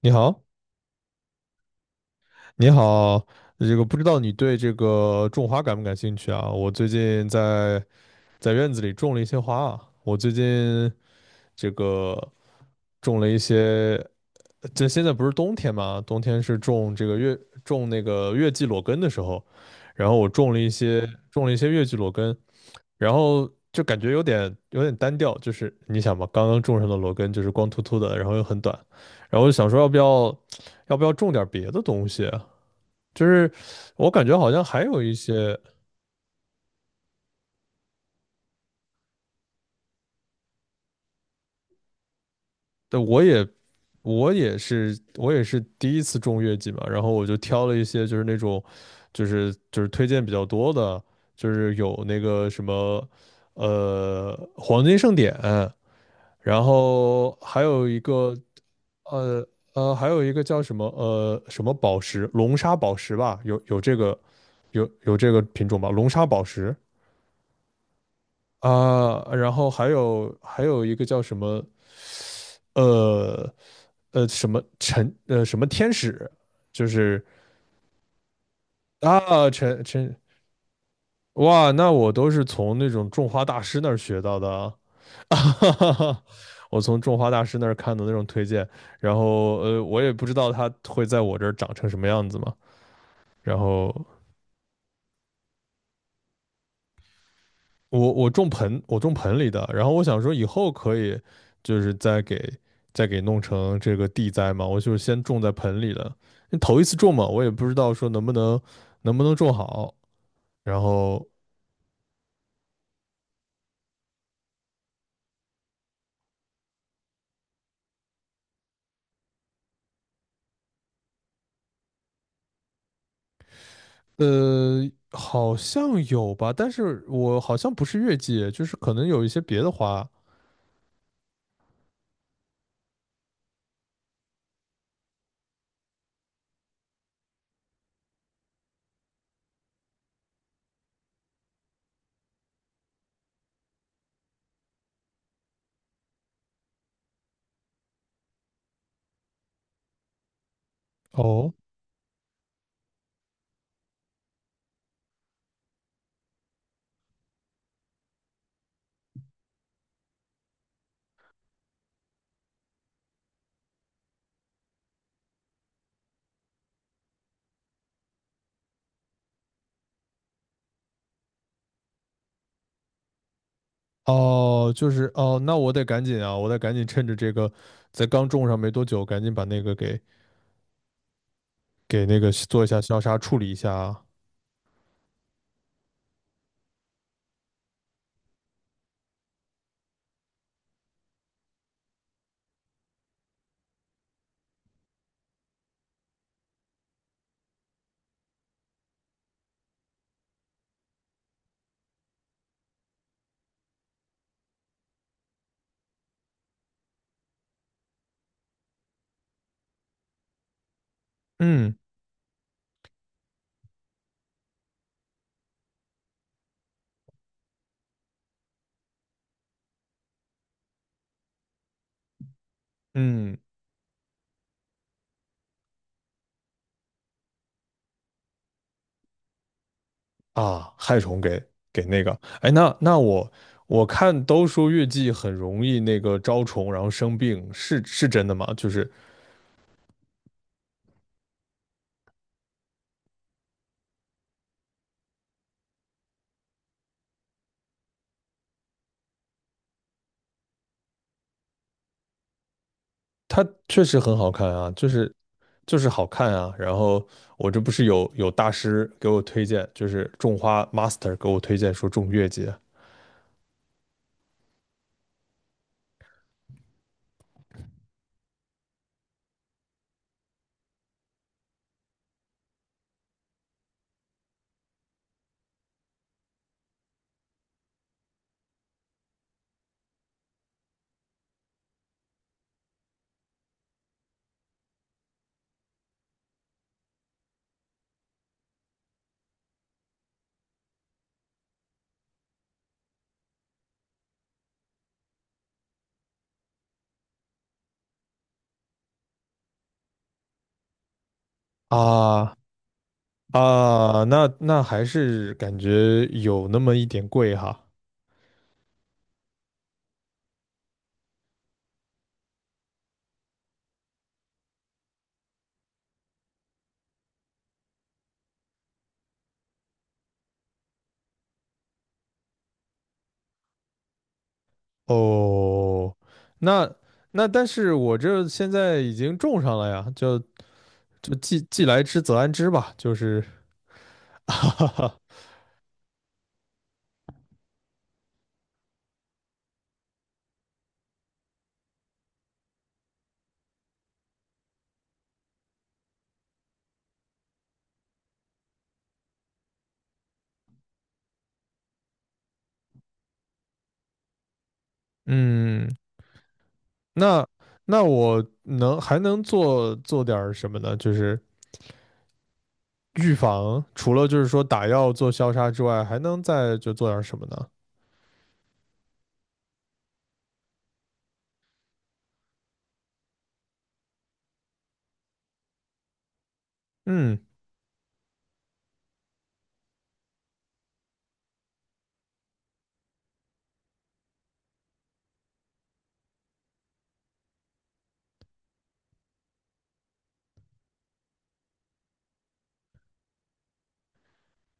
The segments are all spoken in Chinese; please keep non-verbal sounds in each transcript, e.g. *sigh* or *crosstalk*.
你好，你好，这个不知道你对这个种花感不感兴趣啊？我最近在院子里种了一些花啊，我最近这个种了一些，这现在不是冬天嘛，冬天是种这个月种那个月季裸根的时候，然后我种了一些月季裸根，然后就感觉有点单调，就是你想嘛，刚刚种上的裸根就是光秃秃的，然后又很短，然后我就想说要不要要不要种点别的东西？就是我感觉好像还有一些，对，我也我也是第一次种月季嘛，然后我就挑了一些就是那种就是推荐比较多的，就是有那个什么黄金盛典，然后还有一个呃还有一个叫什么什么宝石龙沙宝石吧，有这个有这个品种吧，龙沙宝石啊，然后还有一个叫什么。呃什么陈什么天使，就是啊陈陈哇，那我都是从那种种花大师那儿学到的啊，*laughs* 我从种花大师那儿看的那种推荐，然后我也不知道它会在我这儿长成什么样子嘛，然后我种盆，我种盆里的，然后我想说以后可以就是再给弄成这个地栽嘛，我就是先种在盆里的，头一次种嘛，我也不知道说能不能种好，然后好像有吧，但是我好像不是月季，就是可能有一些别的花哦，哦，就是哦，那我得赶紧啊，我得赶紧趁着这个在刚种上没多久，赶紧把那个给做一下消杀处理一下啊，嗯嗯。啊，害虫给给那个，哎，那那我看都说月季很容易那个招虫，然后生病，是是真的吗？就是它确实很好看啊，就是就是好看啊。然后我这不是有大师给我推荐，就是种花 master 给我推荐说种月季啊啊，啊那那还是感觉有那么一点贵哈。哦，那那但是我这现在已经种上了呀，就就既来之则安之吧，就是 *laughs*，哈哈，嗯，那那我能还能做做点什么呢？就是预防，除了就是说打药做消杀之外，还能再就做点什么呢？嗯，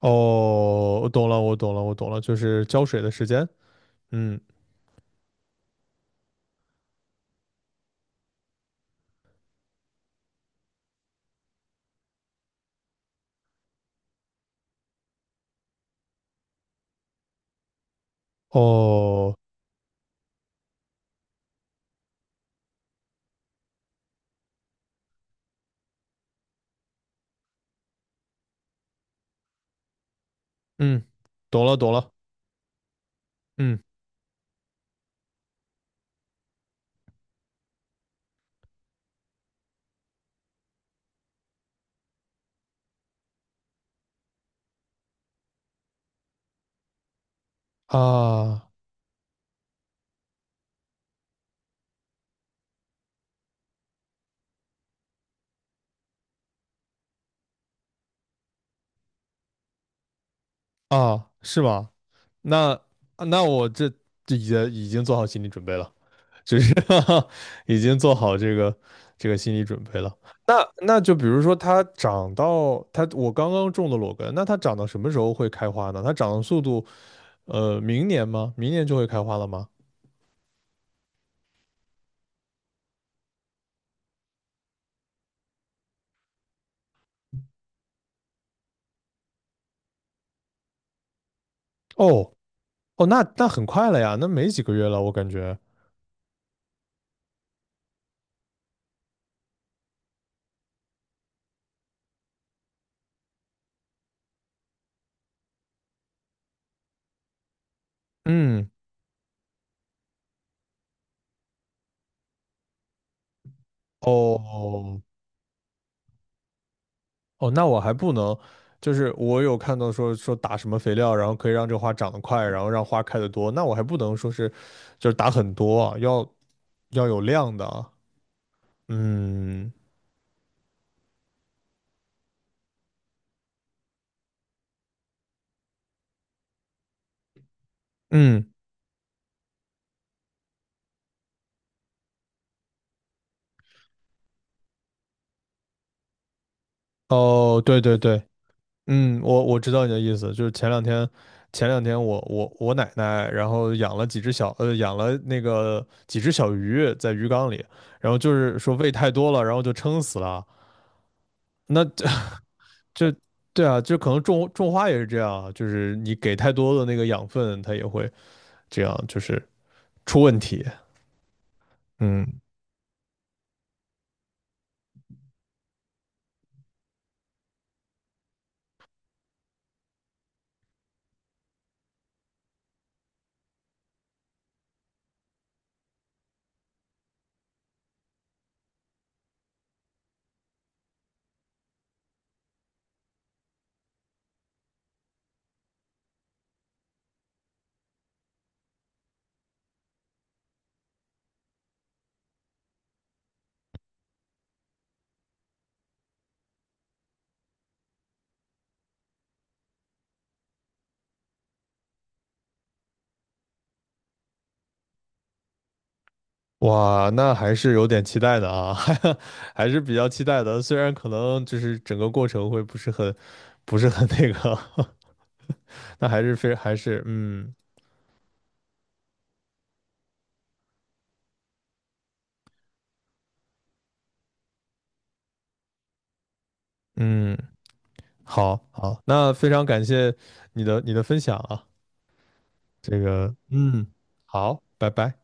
哦，我懂了，就是浇水的时间。嗯，哦，嗯，懂了，嗯啊啊，是吗？那那我这已经做好心理准备了。就是 *laughs* 已经做好这个心理准备了。那那就比如说它长到我刚刚种的裸根，那它长到什么时候会开花呢？它长的速度，呃，明年吗？明年就会开花了吗？哦哦，那那很快了呀，那没几个月了，我感觉。嗯，哦哦，那我还不能，就是我有看到说打什么肥料，然后可以让这花长得快，然后让花开得多，那我还不能说是就是打很多啊，要有量的啊。嗯嗯，哦，对对对，嗯，我知道你的意思，就是前两天，前两天我奶奶，然后养了几只小，养了那个几只小鱼在鱼缸里，然后就是说喂太多了，然后就撑死了。那这这对啊，就可能种花也是这样啊就是你给太多的那个养分，它也会这样，就是出问题。嗯哇，那还是有点期待的啊，*laughs* 还还是比较期待的。虽然可能就是整个过程会不是很，不是很那个，*laughs* 那还是非还是嗯嗯，好好，那非常感谢你的分享啊，这个嗯，好，拜拜。